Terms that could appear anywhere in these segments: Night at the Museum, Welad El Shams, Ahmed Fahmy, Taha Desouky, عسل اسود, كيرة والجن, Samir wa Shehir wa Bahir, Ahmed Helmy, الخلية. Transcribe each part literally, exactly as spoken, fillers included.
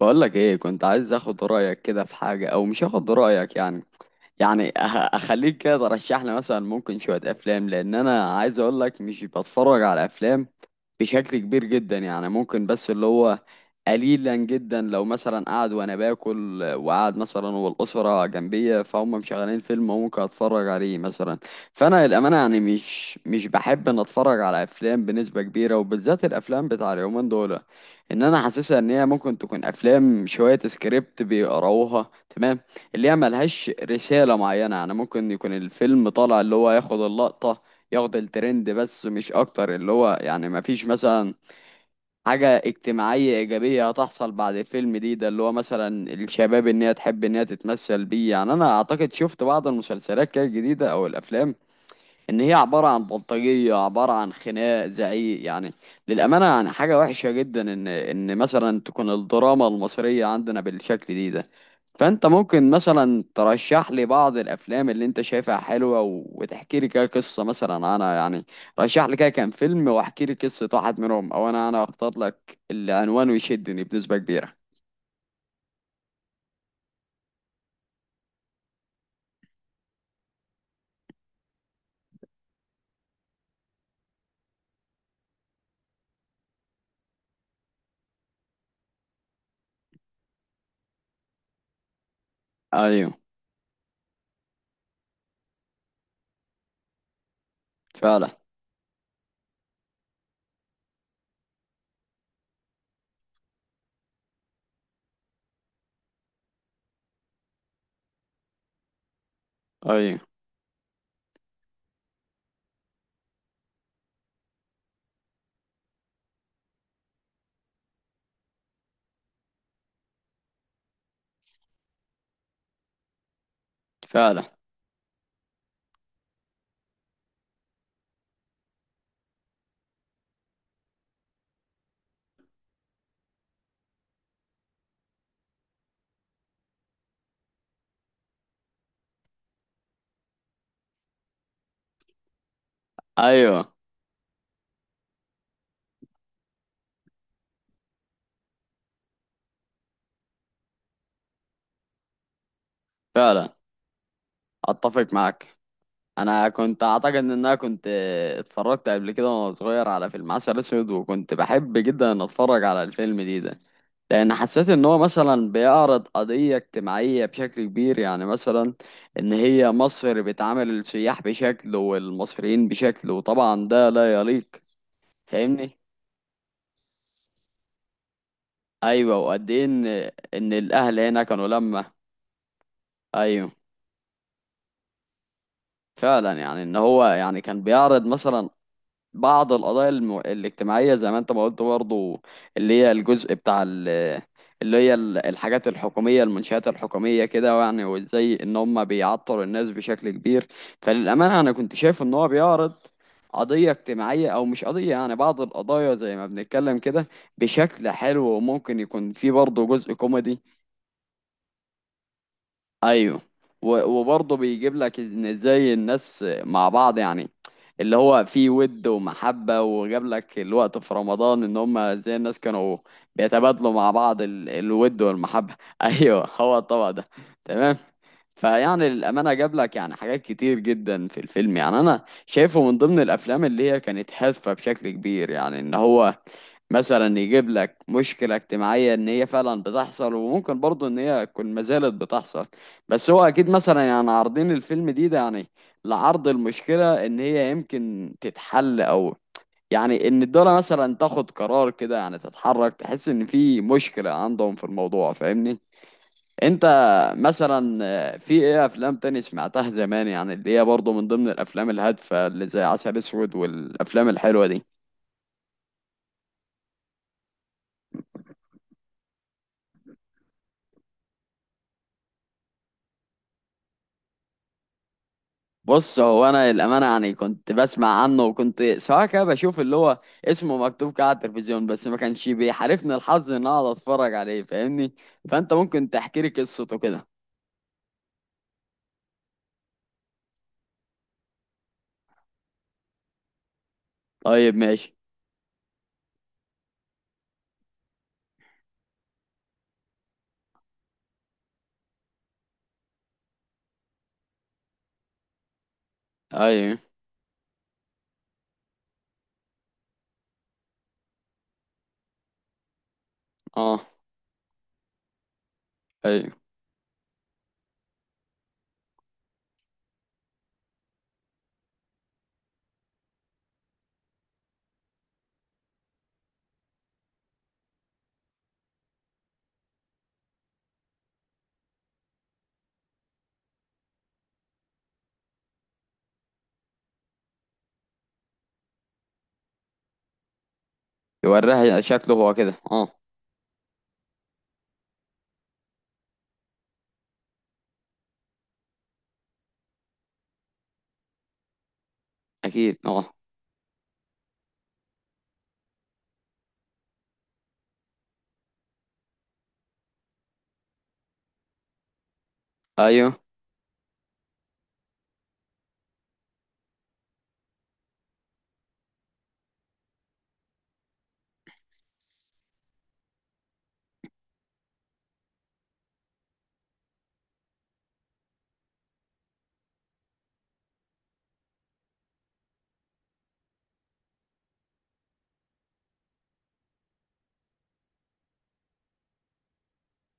بقولك ايه، كنت عايز اخد رأيك كده في حاجة او مش اخد رأيك. يعني يعني أه- اخليك كده ترشح لي مثلا ممكن شوية افلام، لان انا عايز اقولك مش بتفرج على افلام بشكل كبير جدا، يعني ممكن بس اللي هو قليلا جدا، لو مثلا قاعد وانا باكل وقاعد مثلا والاسرة جنبية فهم مشغلين فيلم ممكن اتفرج عليه مثلا. فانا للامانة يعني مش مش بحب ان اتفرج على افلام بنسبة كبيرة، وبالذات الافلام بتاع اليومين دول. ان انا حاسسها ان هي ممكن تكون افلام شويه سكريبت بيقراوها، تمام، اللي هي ملهاش رساله معينه، يعني ممكن يكون الفيلم طالع اللي هو ياخد اللقطه، ياخد الترند، بس مش اكتر. اللي هو يعني مفيش مثلا حاجه اجتماعيه ايجابيه هتحصل بعد الفيلم دي ده، اللي هو مثلا الشباب ان هي تحب ان هي تتمثل بيه. يعني انا اعتقد شفت بعض المسلسلات كده الجديده او الافلام ان هي عباره عن بلطجيه، عباره عن خناق، زعيق. يعني للامانه يعني حاجه وحشه جدا ان ان مثلا تكون الدراما المصريه عندنا بالشكل دي ده. فانت ممكن مثلا ترشح لي بعض الافلام اللي انت شايفها حلوه و... وتحكي لي كده قصه. مثلا انا يعني رشح لي كده كام فيلم واحكي لي قصه واحد منهم، او انا انا اختار لك العنوان ويشدني بنسبه كبيره. ايوه، فعلا. ايوه، فعلا. ايوه، فعلا، اتفق معاك. انا كنت اعتقد ان انا كنت اتفرجت قبل كده وانا صغير على فيلم عسل اسود، وكنت بحب جدا ان اتفرج على الفيلم دي ده، لان حسيت ان هو مثلا بيعرض قضية اجتماعية بشكل كبير، يعني مثلا ان هي مصر بتعامل السياح بشكل والمصريين بشكل، وطبعا ده لا يليق. فاهمني؟ ايوه، وقد ايه ان ان الاهل هنا كانوا لما. ايوه، فعلا. يعني ان هو يعني كان بيعرض مثلا بعض القضايا الم... الاجتماعية زي ما انت ما قلت برضو، اللي هي الجزء بتاع ال... اللي هي ال- الحاجات الحكومية، المنشآت الحكومية كده، يعني وازاي ان هم بيعطلوا الناس بشكل كبير. فللأمانة انا كنت شايف ان هو بيعرض قضية اجتماعية، او مش قضية يعني بعض القضايا زي ما بنتكلم كده، بشكل حلو، وممكن يكون فيه برضه جزء كوميدي. ايوه. و- وبرضه بيجيب لك ان ازاي الناس مع بعض، يعني اللي هو في ود ومحبة، وجاب لك الوقت في رمضان ان هم ازاي الناس كانوا بيتبادلوا مع بعض ال- الود والمحبة. ايوه، هو الطبق ده، تمام. فيعني للأمانة جاب لك يعني حاجات كتير جدا في الفيلم، يعني أنا شايفه من ضمن الأفلام اللي هي كانت هادفة بشكل كبير، يعني إن هو مثلا يجيب لك مشكلة اجتماعية إن هي فعلا بتحصل، وممكن برضه إن هي تكون ما زالت بتحصل. بس هو أكيد مثلا يعني عارضين الفيلم دي ده يعني لعرض المشكلة إن هي يمكن تتحل، أو يعني إن الدولة مثلا تاخد قرار كده، يعني تتحرك، تحس إن في مشكلة عندهم في الموضوع. فاهمني؟ انت مثلا آه، في ايه افلام تاني سمعتها زمان، يعني اللي هي برضه من ضمن الافلام الهادفه اللي زي عسل اسود والافلام الحلوه دي؟ بص، هو انا الامانه يعني كنت بسمع عنه، وكنت سواء كده بشوف اللي هو اسمه مكتوب كده على التلفزيون، بس ما كانش بيحالفني الحظ ان اقعد اتفرج عليه، فاهمني؟ فانت ممكن تحكي لي قصته كده. طيب، ماشي. ايوه. اه. ايوه. يوريها شكله هو كده، اه. اكيد، اه. ايوه.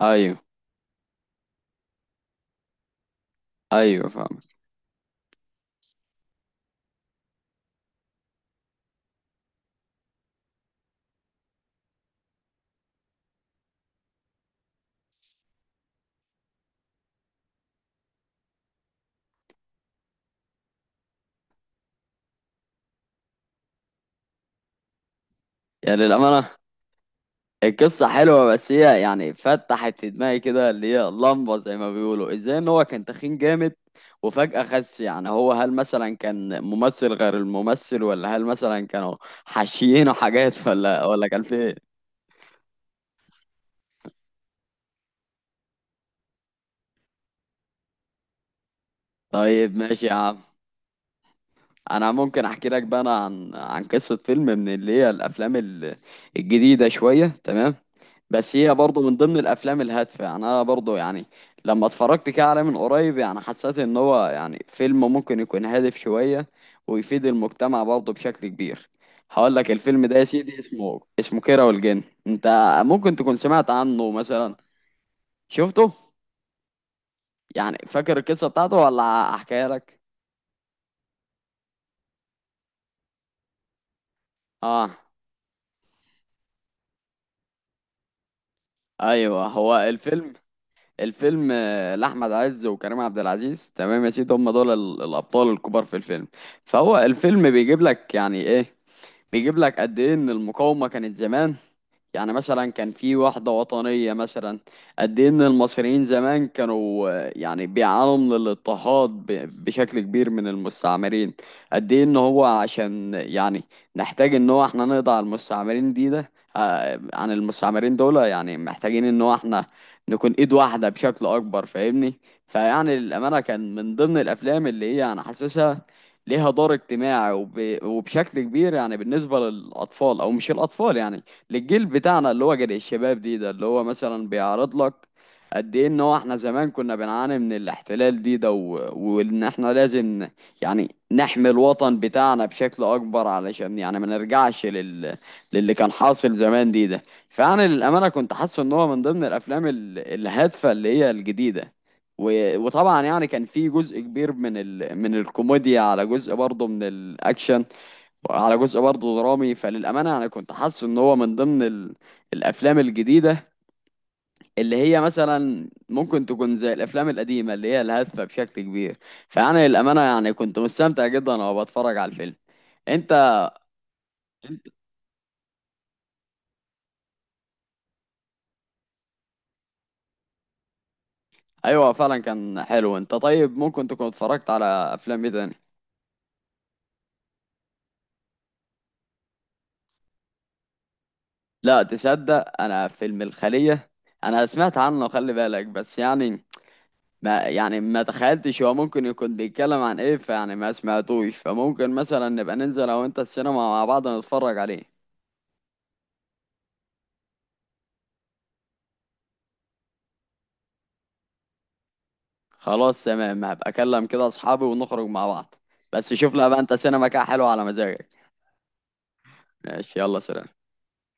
ايوه. ايوه، فاهم. يعني للامانه القصة حلوة، بس هي يعني فتحت في دماغي كده اللي هي لمبة زي ما بيقولوا، ازاي ان هو كان تخين جامد وفجأة خس؟ يعني هو هل مثلا كان ممثل غير الممثل، ولا هل مثلا كانوا حاشيينه حاجات، ولا ولا كان في ايه؟ طيب، ماشي يا عم. انا ممكن احكي لك بقى انا عن عن قصة فيلم من اللي هي الافلام ال- الجديدة شوية، تمام. بس هي برضه من ضمن الافلام الهادفه، يعني انا برضه يعني لما اتفرجت كده عليه من قريب يعني حسيت ان هو يعني فيلم ممكن يكون هادف شويه ويفيد المجتمع برضه بشكل كبير. هقول لك الفيلم ده يا سيدي، اسمه اسمه كيرة والجن. انت ممكن تكون سمعت عنه مثلا؟ شفته؟ يعني فاكر القصه بتاعته ولا احكيها لك؟ اه. ايوه، هو الفيلم الفيلم آه، لأحمد عز وكريم عبد العزيز، تمام يا سيدي، هم دول ال- الأبطال الكبار في الفيلم. فهو الفيلم بيجيب لك يعني إيه، بيجيب لك قد إيه إن المقاومة كانت زمان، يعني مثلا كان في وحدة وطنية مثلا، قد إيه إن المصريين زمان كانوا آه، يعني بيعانوا من الاضطهاد ب- بشكل كبير من المستعمرين، قد إيه إن هو عشان يعني نحتاج إن هو إحنا نقضي على المستعمرين دي ده، آه، عن المستعمرين دول، يعني محتاجين إن هو إحنا نكون إيد واحدة بشكل أكبر، فاهمني؟ فيعني الأمانة كان من ضمن الأفلام اللي هي أنا حاسسها ليها دور اجتماعي وب... وبشكل كبير، يعني بالنسبة للأطفال أو مش الأطفال، يعني للجيل بتاعنا اللي هو جيل الشباب دي ده، اللي هو مثلا بيعرض لك قد ايه ان هو احنا زمان كنا بنعاني من الاحتلال دي ده، و... وان احنا لازم يعني نحمي الوطن بتاعنا بشكل اكبر، علشان يعني ما نرجعش لل... للي كان حاصل زمان دي ده. فانا للامانه كنت حاسس ان هو من ضمن الافلام ال- الهادفه اللي هي الجديده، و... وطبعا يعني كان في جزء كبير من ال... من الكوميديا، على جزء برضه من الاكشن، على جزء برضه درامي. فللأمانة أنا كنت حاسس إن هو من ضمن ال... الأفلام الجديدة اللي هي مثلا ممكن تكون زي الأفلام القديمة اللي هي الهادفة بشكل كبير. فأنا للأمانة يعني كنت مستمتع جدا وأنا بتفرج على الفيلم. أنت أيوه، فعلا كان حلو. أنت طيب ممكن تكون اتفرجت على أفلام إيه تاني؟ لا، تصدق أنا فيلم الخلية أنا سمعت عنه، خلي بالك، بس يعني ما يعني ما تخيلتش هو ممكن يكون بيتكلم عن ايه، فيعني ما سمعتوش. فممكن مثلا نبقى ننزل لو انت السينما مع بعض نتفرج عليه. خلاص، تمام، هبقى اكلم كده اصحابي ونخرج مع بعض، بس شوف لها بقى انت سينما كده حلوة على مزاجك. ماشي، يلا سلام.